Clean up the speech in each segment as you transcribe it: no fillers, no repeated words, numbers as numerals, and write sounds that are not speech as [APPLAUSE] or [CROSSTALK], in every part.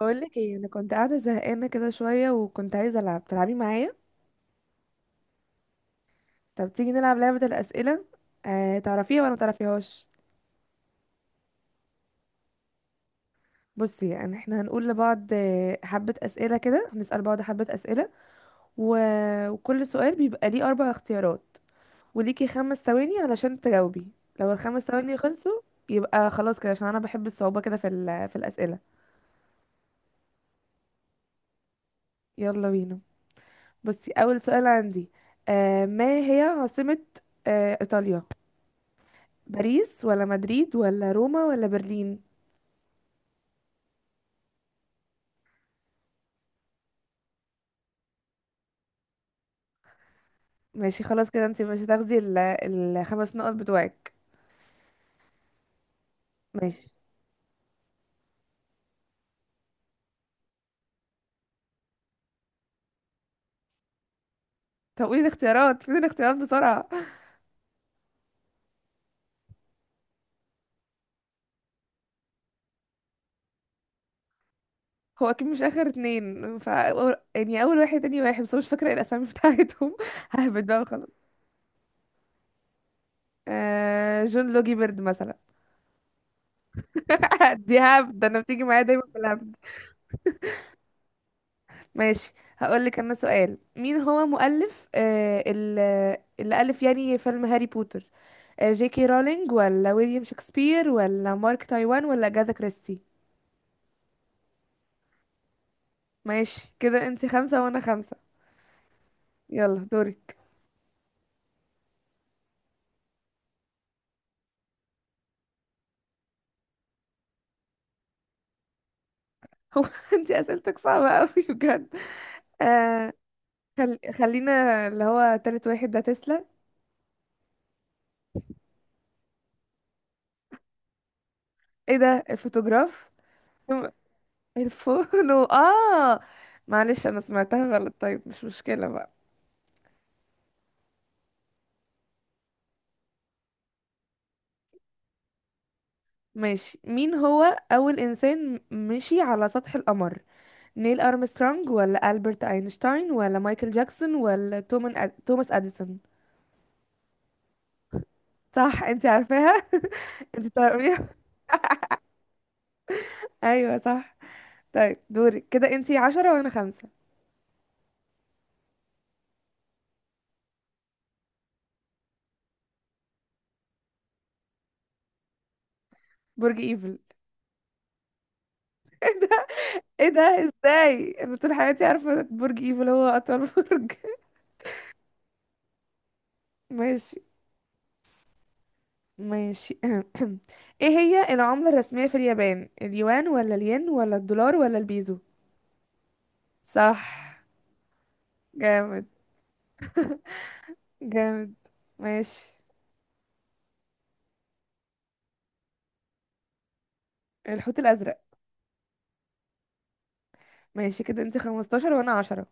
بقول لك ايه؟ انا كنت قاعده زهقانه كده شويه، وكنت عايزه العب. تلعبي معايا؟ طب تيجي نلعب لعبه الاسئله. آه، تعرفيها ولا ما تعرفيهاش؟ بصي، يعني احنا هنقول لبعض حبه اسئله كده، هنسال بعض حبه اسئله و... وكل سؤال بيبقى ليه اربع اختيارات، وليكي خمس ثواني علشان تجاوبي. لو الخمس ثواني خلصوا يبقى خلاص كده، عشان انا بحب الصعوبه كده في الاسئله. يلا بينا. بصي، اول سؤال عندي. ما هي عاصمه ايطاليا؟ باريس ولا مدريد ولا روما ولا برلين؟ ماشي خلاص كده، انت مش هتاخدي الخمس نقط بتوعك. ماشي. طب قولي الاختيارات، فين الاختيارات بسرعة. هو اكيد مش اخر اتنين، يعني اول واحد تاني واحد، بس أنا مش فاكرة إيه الاسامي بتاعتهم [LAUGHS] ههبد بقى وخلاص. جون لوجي بيرد مثلا. [LAUGHS] دي هبد، ده انا بتيجي معايا دايما في الهبد. ماشي، هقولك انا سؤال. مين هو مؤلف اللي ألف يعني فيلم هاري بوتر؟ جي كي رولينج ولا ويليام شكسبير ولا مارك تايوان ولا أجاثا كريستي؟ ماشي كده انتي خمسة وانا خمسة. يلا دورك. [LAUGHS] هو انتي اسئلتك صعبة اوي بجد. آه. خلينا اللي هو تالت واحد ده تسلا. ايه ده، الفوتوغراف؟ [LAUGHS] اه. معلش انا سمعتها غلط، طيب مش مشكلة بقى. ماشي. مين هو أول إنسان مشي على سطح القمر؟ نيل أرمسترونج ولا ألبرت أينشتاين ولا مايكل جاكسون ولا توماس أديسون؟ صح انتي عارفاها [LAUGHS] انتي تعرفيها. [LAUGHS] ايوه صح. طيب دورك، كده انتي عشرة وانا خمسة. برج ايفل. [LAUGHS] ايه ده، ازاي انا طول حياتي عارفة برج ايفل هو اطول برج [LAUGHS] ماشي. ماشي. [CLEARS THROAT] ايه هي العملة الرسمية في اليابان؟ اليوان ولا الين ولا الدولار ولا البيزو؟ صح. جامد. جامد. ماشي. الحوت الأزرق. ماشي كده انت 15 وانا 10.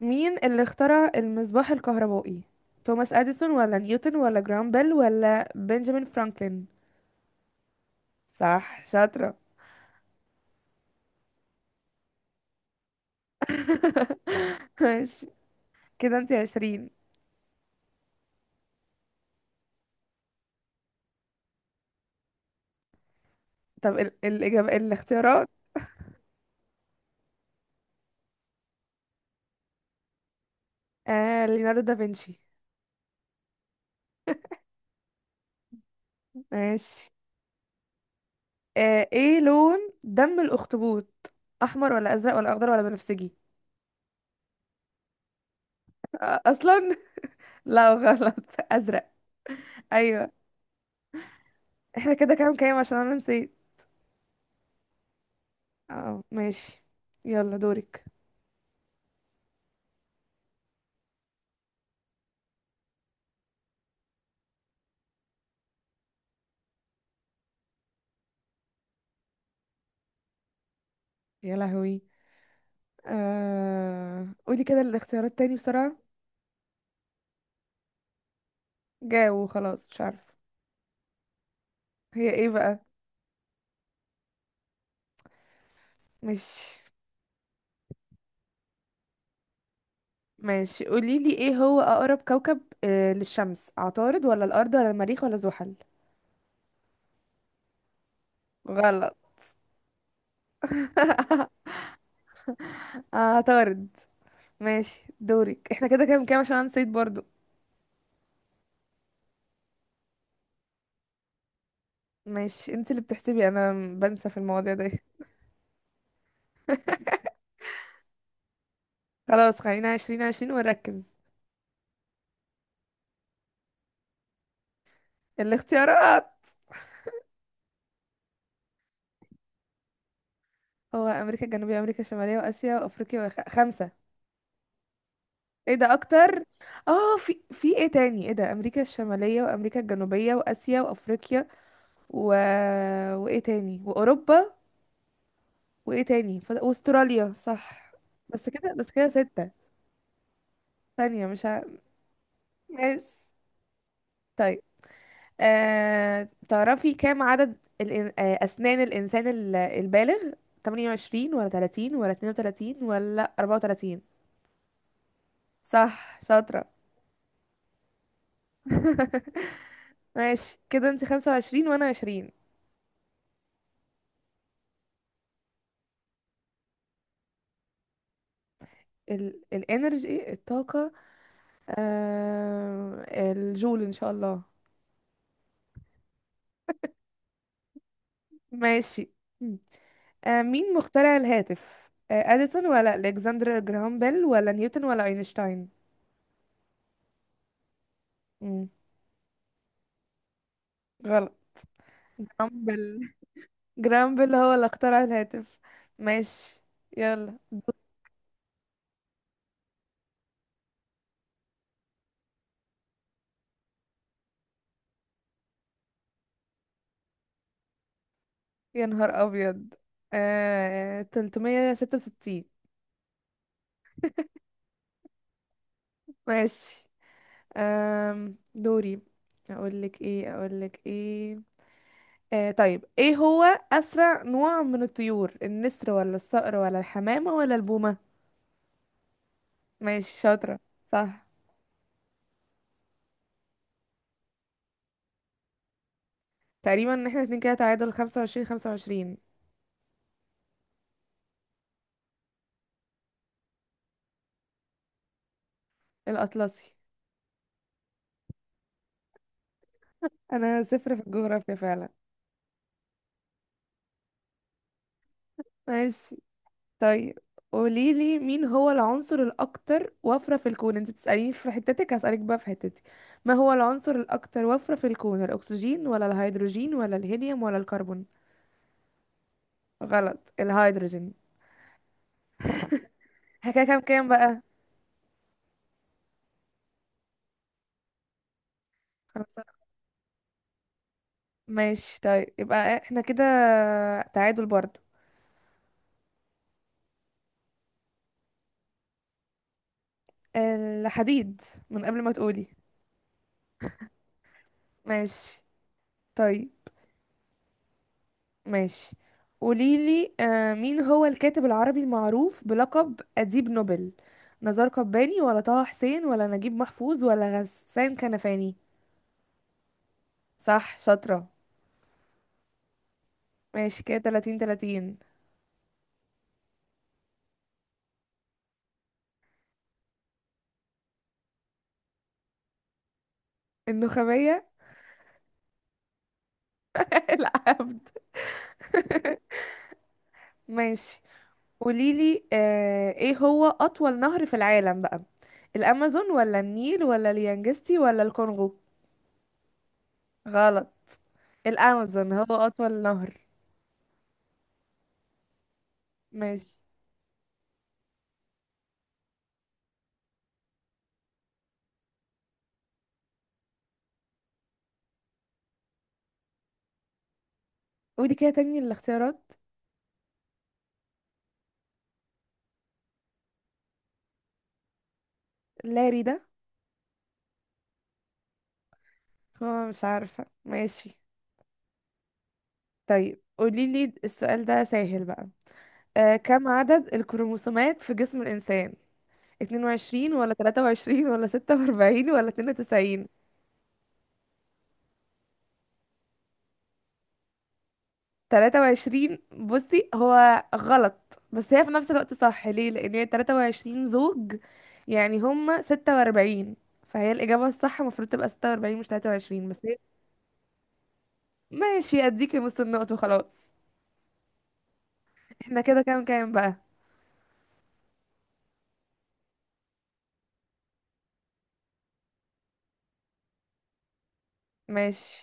مين اللي اخترع المصباح الكهربائي؟ توماس اديسون ولا نيوتن ولا جرام بيل ولا بنجامين فرانكلين؟ صح شاطرة. [LAUGHS] ماشي كده انت 20. طب الإجابة، الاختيارات. ليوناردو دافنشي. ماشي. ايه لون دم الأخطبوط؟ أحمر ولا أزرق ولا أخضر ولا بنفسجي؟ آه أصلا [LAUGHS] لا غلط. أزرق. أيوه. احنا كده كام كام؟ عشان انا نسيت. اه ماشي. يلا دورك. يا لهوي. قولي كده الاختيارات تاني بسرعة. جاوب خلاص، مش عارفة. هي ايه بقى؟ ماشي. ماشي قولي لي، ايه هو اقرب كوكب للشمس؟ عطارد ولا الارض ولا المريخ ولا زحل؟ غلط. عطارد. ماشي دورك. احنا كده كام كام؟ عشان انا نسيت برضو. ماشي، انت اللي بتحسبي، انا بنسى في المواضيع ده. [LAUGHS] خلاص خلينا عشرين عشرين ونركز. الاختيارات. هو امريكا الجنوبية، امريكا الشمالية، واسيا، وافريقيا، خمسة. ايه ده، اكتر؟ اه، في ايه تاني؟ ايه ده، امريكا الشماليه، وامريكا الجنوبيه، واسيا، وافريقيا و... وايه تاني، واوروبا، واستراليا، صح. بس كده بس كده، ستة. ثانيه مش ه... ماشي طيب. تعرفي كام عدد اسنان الانسان البالغ؟ 28 ولا 30 ولا 32 ولا 34؟ صح شاطره. [LAUGHS] ماشي كده انت 25 وانا 20. الانرجي، الطاقة. آه الجول ان شاء الله. ماشي. مم. مين مخترع الهاتف؟ اديسون ولا الكسندر جراهام بيل ولا نيوتن ولا اينشتاين؟ مم. غلط. جراهام بيل. [LAUGHS] جراهام بيل هو اللي اخترع الهاتف. ماشي. يلا. يا نهار ابيض. 366. ماشي. دوري. اقول لك ايه. طيب، ايه هو اسرع نوع من الطيور؟ النسر ولا الصقر ولا الحمامة ولا البومة؟ ماشي شاطرة. صح. تقريبا ان احنا اتنين كده تعادل، خمسة وعشرين خمسة وعشرين. الاطلسي. انا صفر في الجغرافيا فعلا. ماشي. طيب قوليلي مين هو العنصر الاكتر وفرة في الكون، انت بتسأليني في حتتك هسألك بقى في حتتي. ما هو العنصر الاكتر وفرة في الكون؟ الاكسجين ولا الهيدروجين ولا الهيليوم ولا الكربون؟ غلط، الهيدروجين. احنا كده كام كام بقى؟ ماشي طيب، يبقى احنا كده تعادل برضو. الحديد، من قبل ما تقولي. ماشي. طيب. ماشي قوليلي مين هو الكاتب العربي المعروف بلقب أديب نوبل؟ نزار قباني ولا طه حسين ولا نجيب محفوظ ولا غسان كنفاني؟ صح شاطرة. ماشي كده 30 30. النخامية. [LAUGHS] العبد. [LAUGHS] ماشي. قوليلي ايه هو أطول نهر في العالم بقى؟ الأمازون ولا النيل ولا اليانجستي ولا الكونغو؟ غلط. الأمازون هو أطول نهر. ماشي. قولي كده تاني الاختيارات. لاري ده. هو، مش عارفة. ماشي. طيب قوليلي، السؤال ده سهل بقى. كم عدد الكروموسومات في جسم الإنسان؟ 22 ولا 23 ولا 46 ولا 92؟ تلاتة وعشرين. بصي، هو غلط بس هي في نفس الوقت صح، ليه؟ لان هي تلاتة وعشرين زوج، يعني هما ستة واربعين. فهي الإجابة الصح المفروض تبقى ستة واربعين، مش تلاتة وعشرين، بس هي ماشي. أديكي نص النقط وخلاص. احنا كده كام كام بقى؟ ماشي.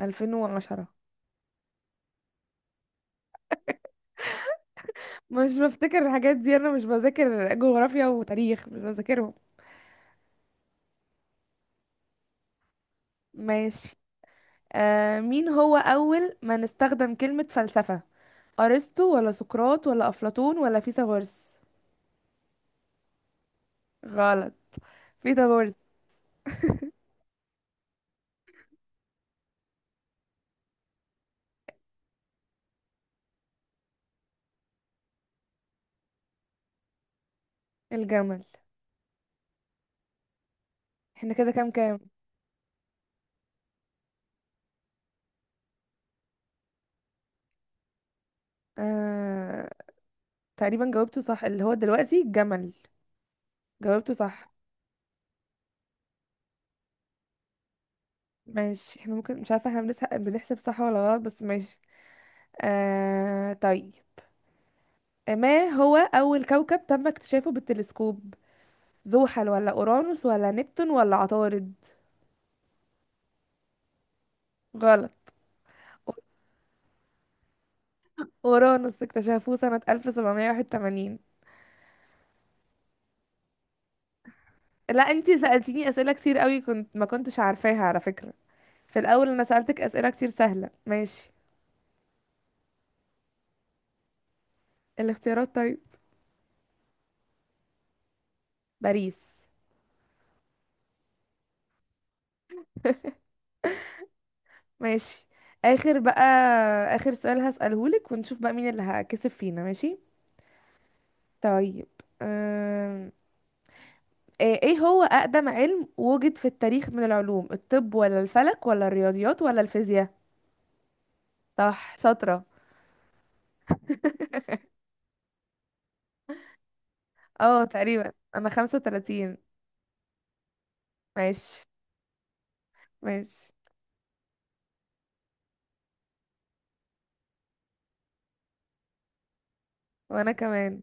ألفين وعشرة. مش بفتكر الحاجات دي، أنا مش بذاكر جغرافيا وتاريخ، مش بذاكرهم. ماشي. مين هو أول من استخدم كلمة فلسفة؟ أرسطو ولا سقراط ولا أفلاطون ولا فيثاغورس؟ غلط. فيثاغورس. الجمل. احنا كده كام كام؟ آه... تقريبا جاوبته صح اللي هو دلوقتي، الجمل. جاوبته صح. ماشي. احنا، ممكن مش عارفة احنا بنحسب صح ولا غلط، بس ماشي. طيب. ما هو أول كوكب تم اكتشافه بالتلسكوب؟ زحل ولا أورانوس ولا نبتون ولا عطارد؟ غلط. أورانوس اكتشفوه سنة 1781. لا، انتي سألتيني أسئلة كتير قوي كنت ما كنتش عارفاها على فكرة. في الأول أنا سألتك أسئلة كتير سهلة. ماشي. الاختيارات طيب. باريس. ماشي. اخر بقى. اخر سؤال هسألهولك ونشوف بقى مين اللي هكسب فينا. ماشي. طيب. أم... إيه هو اقدم علم وجد في التاريخ من العلوم؟ الطب ولا الفلك ولا الرياضيات ولا الفيزياء؟ صح شاطرة. [LAUGHS] اه تقريبا انا 35. ماشي. ماشي. وانا كمان.